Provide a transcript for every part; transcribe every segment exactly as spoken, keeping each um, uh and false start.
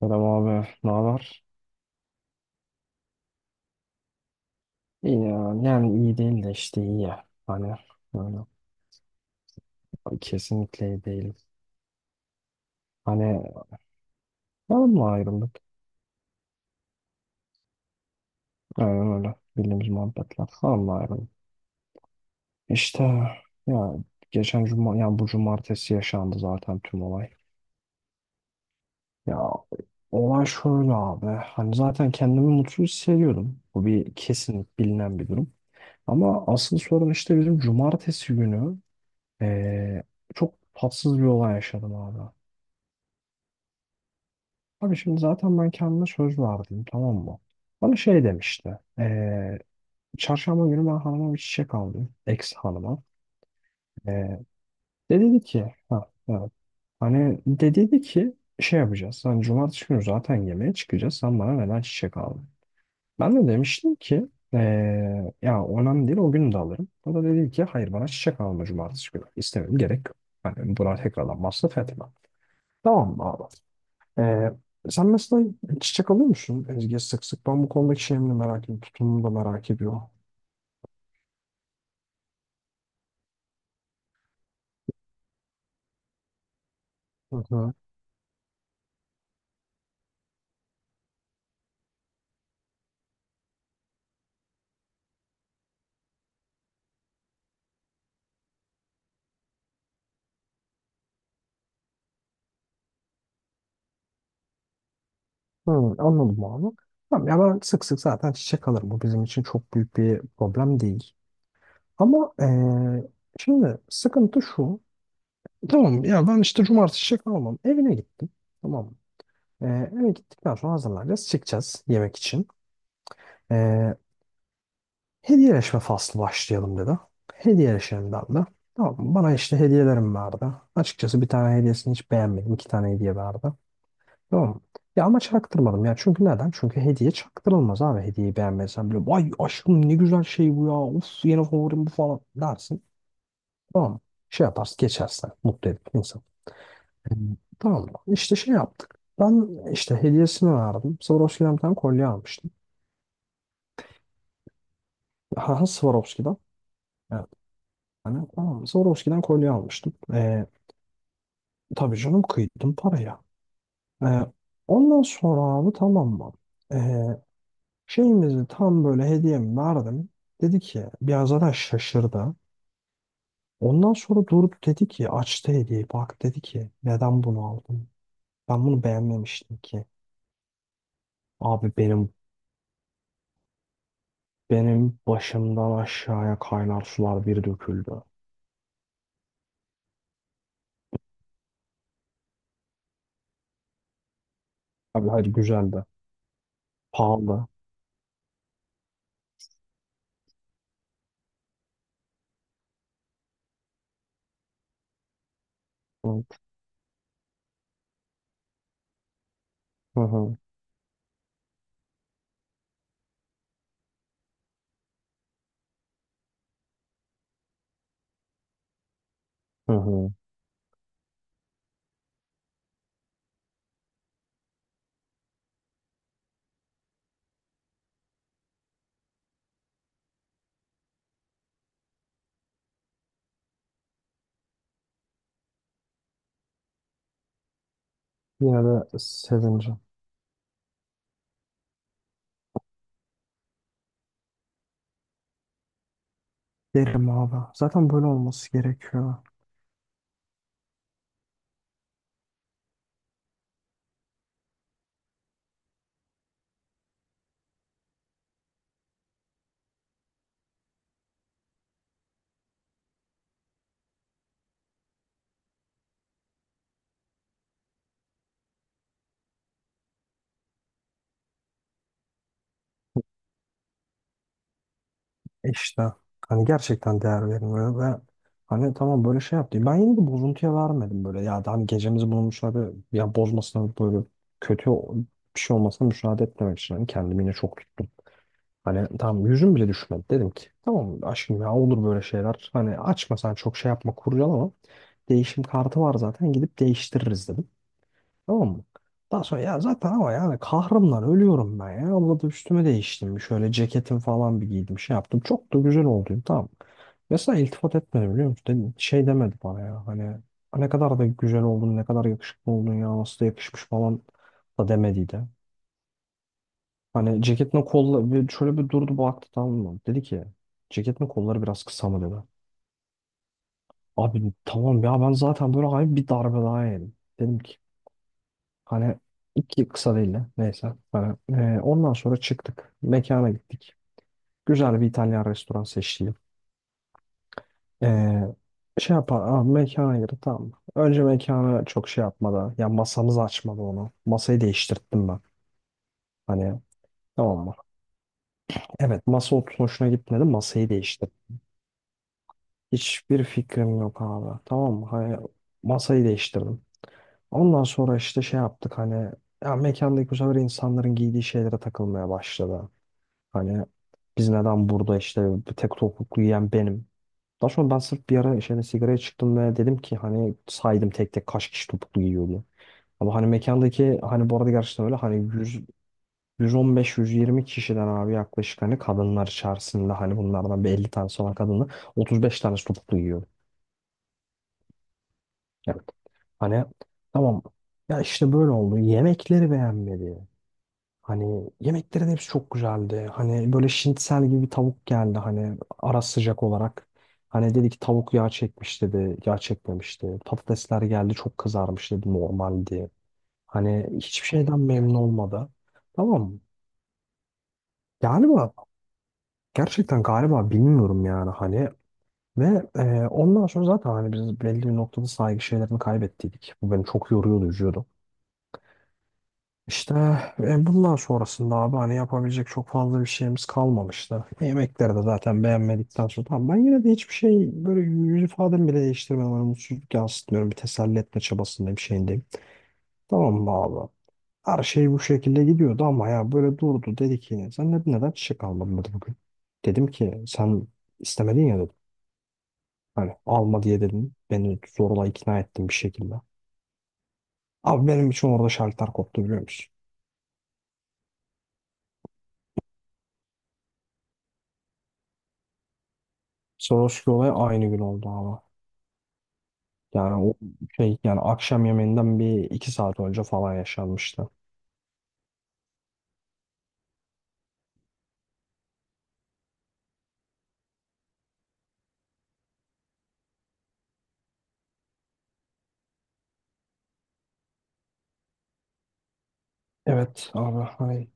Selam abi, ne haber? İyi ya, yani iyi değil de işte iyi ya. Hani öyle. Kesinlikle iyi değil. Hani hanımla ayrıldık. Aynen öyle. Bildiğimiz muhabbetler. Hanımla ayrıldık. İşte ya, geçen cuma, yani bu cumartesi yaşandı zaten tüm olay. Ya, olay şöyle abi. Hani zaten kendimi mutsuz hissediyordum. Bu bir kesinlik, bilinen bir durum. Ama asıl sorun işte bizim cumartesi günü, eee, çok tatsız bir olay yaşadım abi. Abi şimdi zaten ben kendime söz verdim, tamam mı? Bana şey demişti. Eee çarşamba günü ben hanıma bir çiçek aldım. Ex hanıma. Eee De dedi ki ha, evet. Hani de dedi ki şey yapacağız. Hani cumartesi günü zaten yemeğe çıkacağız. Sen bana neden çiçek aldın? Ben de demiştim ki eee ya önemli değil, o gün de alırım. O da dedi ki hayır, bana çiçek alma cumartesi günü. İstemiyorum, gerek yok. Hani buna tekrardan masraf etme. Tamam mı abi? Ee, Sen mesela çiçek alıyor musun Ezgi, sık sık? Ben bu konudaki şeyimi de merak ediyorum. Tutumunu da merak ediyorum. Hı hı. Hı, anladım abi. Tamam ya, ben sık sık zaten çiçek alırım. Bu bizim için çok büyük bir problem değil. Ama eee, şimdi sıkıntı şu. Tamam ya, ben işte cumartesi çiçek almam. Evine gittim. Tamam mı? Eee, eve gittikten sonra hazırlanacağız. Çıkacağız yemek için. Eee, Hediyeleşme faslı başlayalım dedi. Hediyeleşelim ben de. Tamam mı? Bana işte hediyelerim vardı. Açıkçası bir tane hediyesini hiç beğenmedim. İki tane hediye vardı. Tamam mı? Ya ama çaktırmadım ya. Çünkü neden? Çünkü hediye çaktırılmaz abi. Hediyeyi beğenmezsen bile vay aşkım, ne güzel şey bu ya. Of, yeni favorim bu falan dersin. Tamam mı? Şey yaparsın, geçersin. Mutlu edip insan. Tamam mı? İşte şey yaptık. Ben işte hediyesini verdim. Swarovski'den bir tane kolye almıştım. Haha, Swarovski'den. Evet. Yani tamam. Swarovski'den kolye almıştım. Ee, tabii canım, kıydım paraya. Ee, Ondan sonra abi, tamam mı? Ee, Şeyimizi tam böyle, hediyemi verdim. Dedi ki, biraz zaten şaşırdı. Ondan sonra durdu, dedi ki, açtı hediyeyi, bak dedi ki neden bunu aldın? Ben bunu beğenmemiştim ki. Abi benim benim başımdan aşağıya kaynar sular bir döküldü. Abi hadi, güzeldi. Pahalı. Hı. Hı hı. Hı. Yine de sevinci. Derim abi. Zaten böyle olması gerekiyor. E İşte hani gerçekten değer verilmiyor, ve hani tamam böyle şey yaptı. Ben yine de bozuntuya vermedim böyle. Ya da hani gecemizi bulmuşlar ve ya bozmasına, böyle kötü bir şey olmasına müsaade etmemek için hani kendimi yine çok tuttum. Hani tamam, yüzüm bile düşmedi. Dedim ki tamam aşkım, ya olur böyle şeyler. Hani açma sen, çok şey yapma, kurcalama. Değişim kartı var zaten, gidip değiştiririz dedim. Tamam mı? Daha sonra ya zaten, ama yani kahrımdan ölüyorum ben ya. Abla da üstüme değiştim. Bir şöyle ceketim falan bir giydim. Şey yaptım. Çok da güzel oldum. Tamam. Mesela iltifat etmedi, biliyor musun? Dedi- şey demedi bana ya. Hani ne kadar da güzel oldun. Ne kadar yakışıklı oldun ya. Nasıl da yakışmış falan da demediydi. Hani ceketin kolları bir- şöyle bir durdu, baktı, tamam mı? Dedi ki ceketin kolları biraz kısa mı dedi. Abi tamam ya, ben zaten böyle hayır, bir darbe daha yedim. Dedim ki, hani iki kısa değil de, neyse. Hani, e, ondan sonra çıktık. Mekana gittik. Güzel bir İtalyan restoran seçtim. E, Şey yapar, aa, mekana girdik, tamam mı? Önce mekana çok şey yapmadı. Ya masamızı açmadı onu. Masayı değiştirttim ben. Hani tamam mı? Evet, masa oturuş hoşuna gitmedi. Masayı değiştirdim. Hiçbir fikrim yok abi. Tamam mı? Hani masayı değiştirdim. Ondan sonra işte şey yaptık, hani ya, mekandaki bu sefer insanların giydiği şeylere takılmaya başladı. Hani biz neden burada, işte bir tek topuklu yiyen benim. Daha sonra ben sırf bir ara işte hani sigaraya çıktım ve dedim ki hani, saydım tek tek kaç kişi topuklu giyiyordu. Ama hani mekandaki, hani bu arada gerçekten öyle hani yüz, yüz on beş yüz yirmi kişiden abi, yaklaşık hani kadınlar içerisinde, hani bunlardan bir elli tanesi olan kadınla otuz beş tanesi topuklu giyiyordu. Evet. Hani tamam ya, işte böyle oldu. Yemekleri beğenmedi. Hani yemeklerin hepsi çok güzeldi. Hani böyle şinitsel gibi bir tavuk geldi, hani ara sıcak olarak. Hani dedi ki tavuk yağ çekmiş dedi. Yağ çekmemişti. Patatesler geldi, çok kızarmış dedi, normaldi. Hani hiçbir şeyden memnun olmadı. Tamam mı? Galiba, gerçekten galiba, bilmiyorum yani hani. Ve e, ondan sonra zaten hani biz belli bir noktada saygı şeylerini kaybettiydik. Bu beni çok yoruyordu, üzüyordu. İşte e, bundan sonrasında abi hani yapabilecek çok fazla bir şeyimiz kalmamıştı. Yemekleri de zaten beğenmedikten sonra, tamam, ben yine de hiçbir şey, böyle yüz ifademi bile değiştirmiyorum. Hani mutsuzluk yansıtmıyorum. Bir teselli etme çabasındayım, şeyindeyim. Tamam mı abi? Her şey bu şekilde gidiyordu ama, ya böyle durdu, dedi ki sen neden, neden çiçek almadın dedi bugün. Dedim ki sen istemedin ya dedim. Hani alma diye dedim. Beni zorla ikna ettin bir şekilde. Abi benim için orada şartlar koptu, biliyor musun? Swarovski olayı aynı gün oldu abi. Yani o şey, yani akşam yemeğinden bir iki saat önce falan yaşanmıştı. Evet abi, hani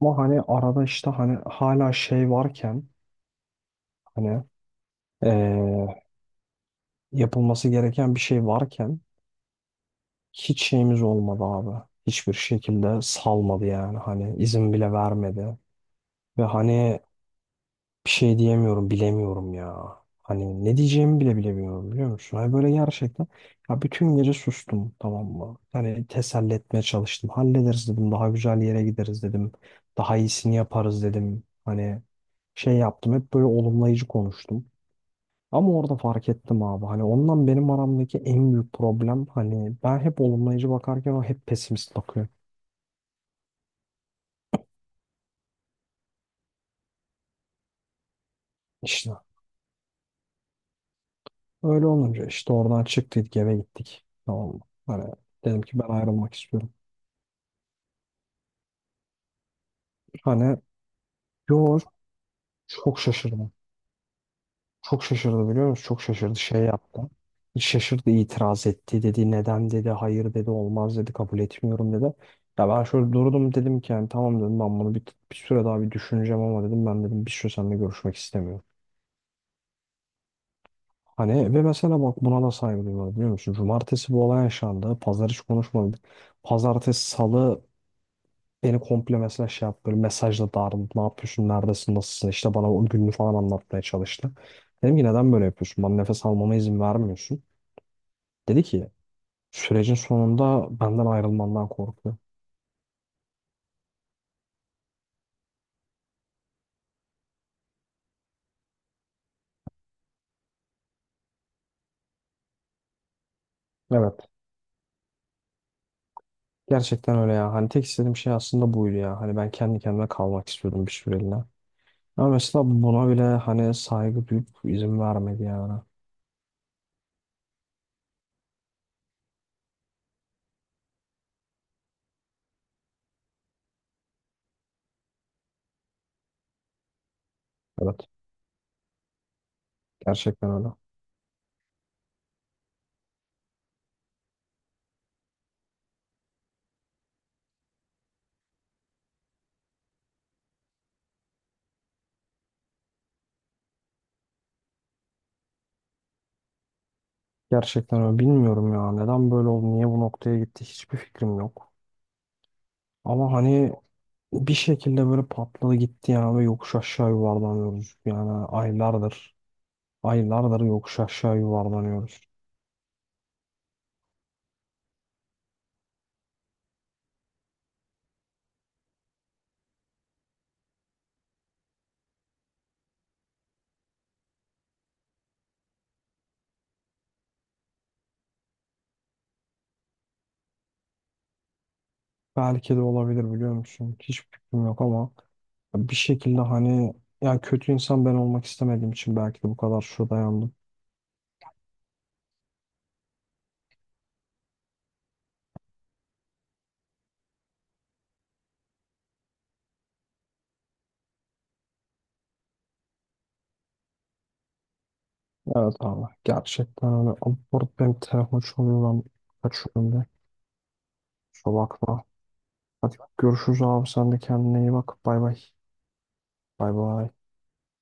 ama hani arada işte hani hala şey varken, hani eee, yapılması gereken bir şey varken hiç şeyimiz olmadı abi. Hiçbir şekilde salmadı yani, hani izin bile vermedi. Ve hani bir şey diyemiyorum, bilemiyorum ya. Hani ne diyeceğimi bile bilemiyorum, biliyor musun? Hani böyle gerçekten, ya bütün gece sustum, tamam mı? Hani teselli etmeye çalıştım. Hallederiz dedim, daha güzel yere gideriz dedim. Daha iyisini yaparız dedim. Hani şey yaptım, hep böyle olumlayıcı konuştum. Ama orada fark ettim abi, hani ondan benim aramdaki en büyük problem, hani ben hep olumlayıcı bakarken o hep pesimist bakıyor. İşte öyle olunca işte oradan çıktık, eve gittik, tamam mı? Hani dedim ki ben ayrılmak istiyorum. Hani George çok şaşırdı. Çok şaşırdı, biliyor musun? Çok şaşırdı. Şey yaptı. Şaşırdı, itiraz etti, dedi. Neden dedi. Hayır dedi. Olmaz dedi. Kabul etmiyorum dedi. Ya ben şöyle durdum, dedim ki yani tamam dedim, ben bunu bir, bir süre daha bir düşüneceğim ama dedim, ben dedim bir süre seninle görüşmek istemiyorum. Hani ve mesela bak, buna da saygı duyuyorlar, biliyor musun? Cumartesi bu olay yaşandı. Pazar hiç konuşmadı. Pazartesi, salı beni komple mesela şey yaptı. Böyle mesajla darladı. Ne yapıyorsun? Neredesin? Nasılsın? İşte bana o gününü falan anlatmaya çalıştı. Dedim ki neden böyle yapıyorsun? Bana nefes almama izin vermiyorsun. Dedi ki sürecin sonunda benden ayrılmandan korkuyor. Evet. Gerçekten öyle ya. Hani tek istediğim şey aslında buydu ya. Hani ben kendi kendime kalmak istiyordum bir süreliğine. Ama mesela buna bile hani saygı duyup izin vermedi yani. Evet. Gerçekten öyle. Gerçekten öyle. Bilmiyorum ya. Neden böyle oldu? Niye bu noktaya gitti? Hiçbir fikrim yok. Ama hani bir şekilde böyle patladı gitti yani, ve yokuş aşağı yuvarlanıyoruz. Yani aylardır, aylardır yokuş aşağı yuvarlanıyoruz. Belki de, olabilir, biliyor musun? Hiç fikrim yok ama bir şekilde hani, yani kötü insan ben olmak istemediğim için belki de bu kadar şu dayandım. Evet abi, gerçekten hani abi, burada benim telefon çalıyor lan, kaçıyorum de. Kusura bakma. Hadi görüşürüz abi, sen de kendine iyi bak. Bay bay. Bay bay.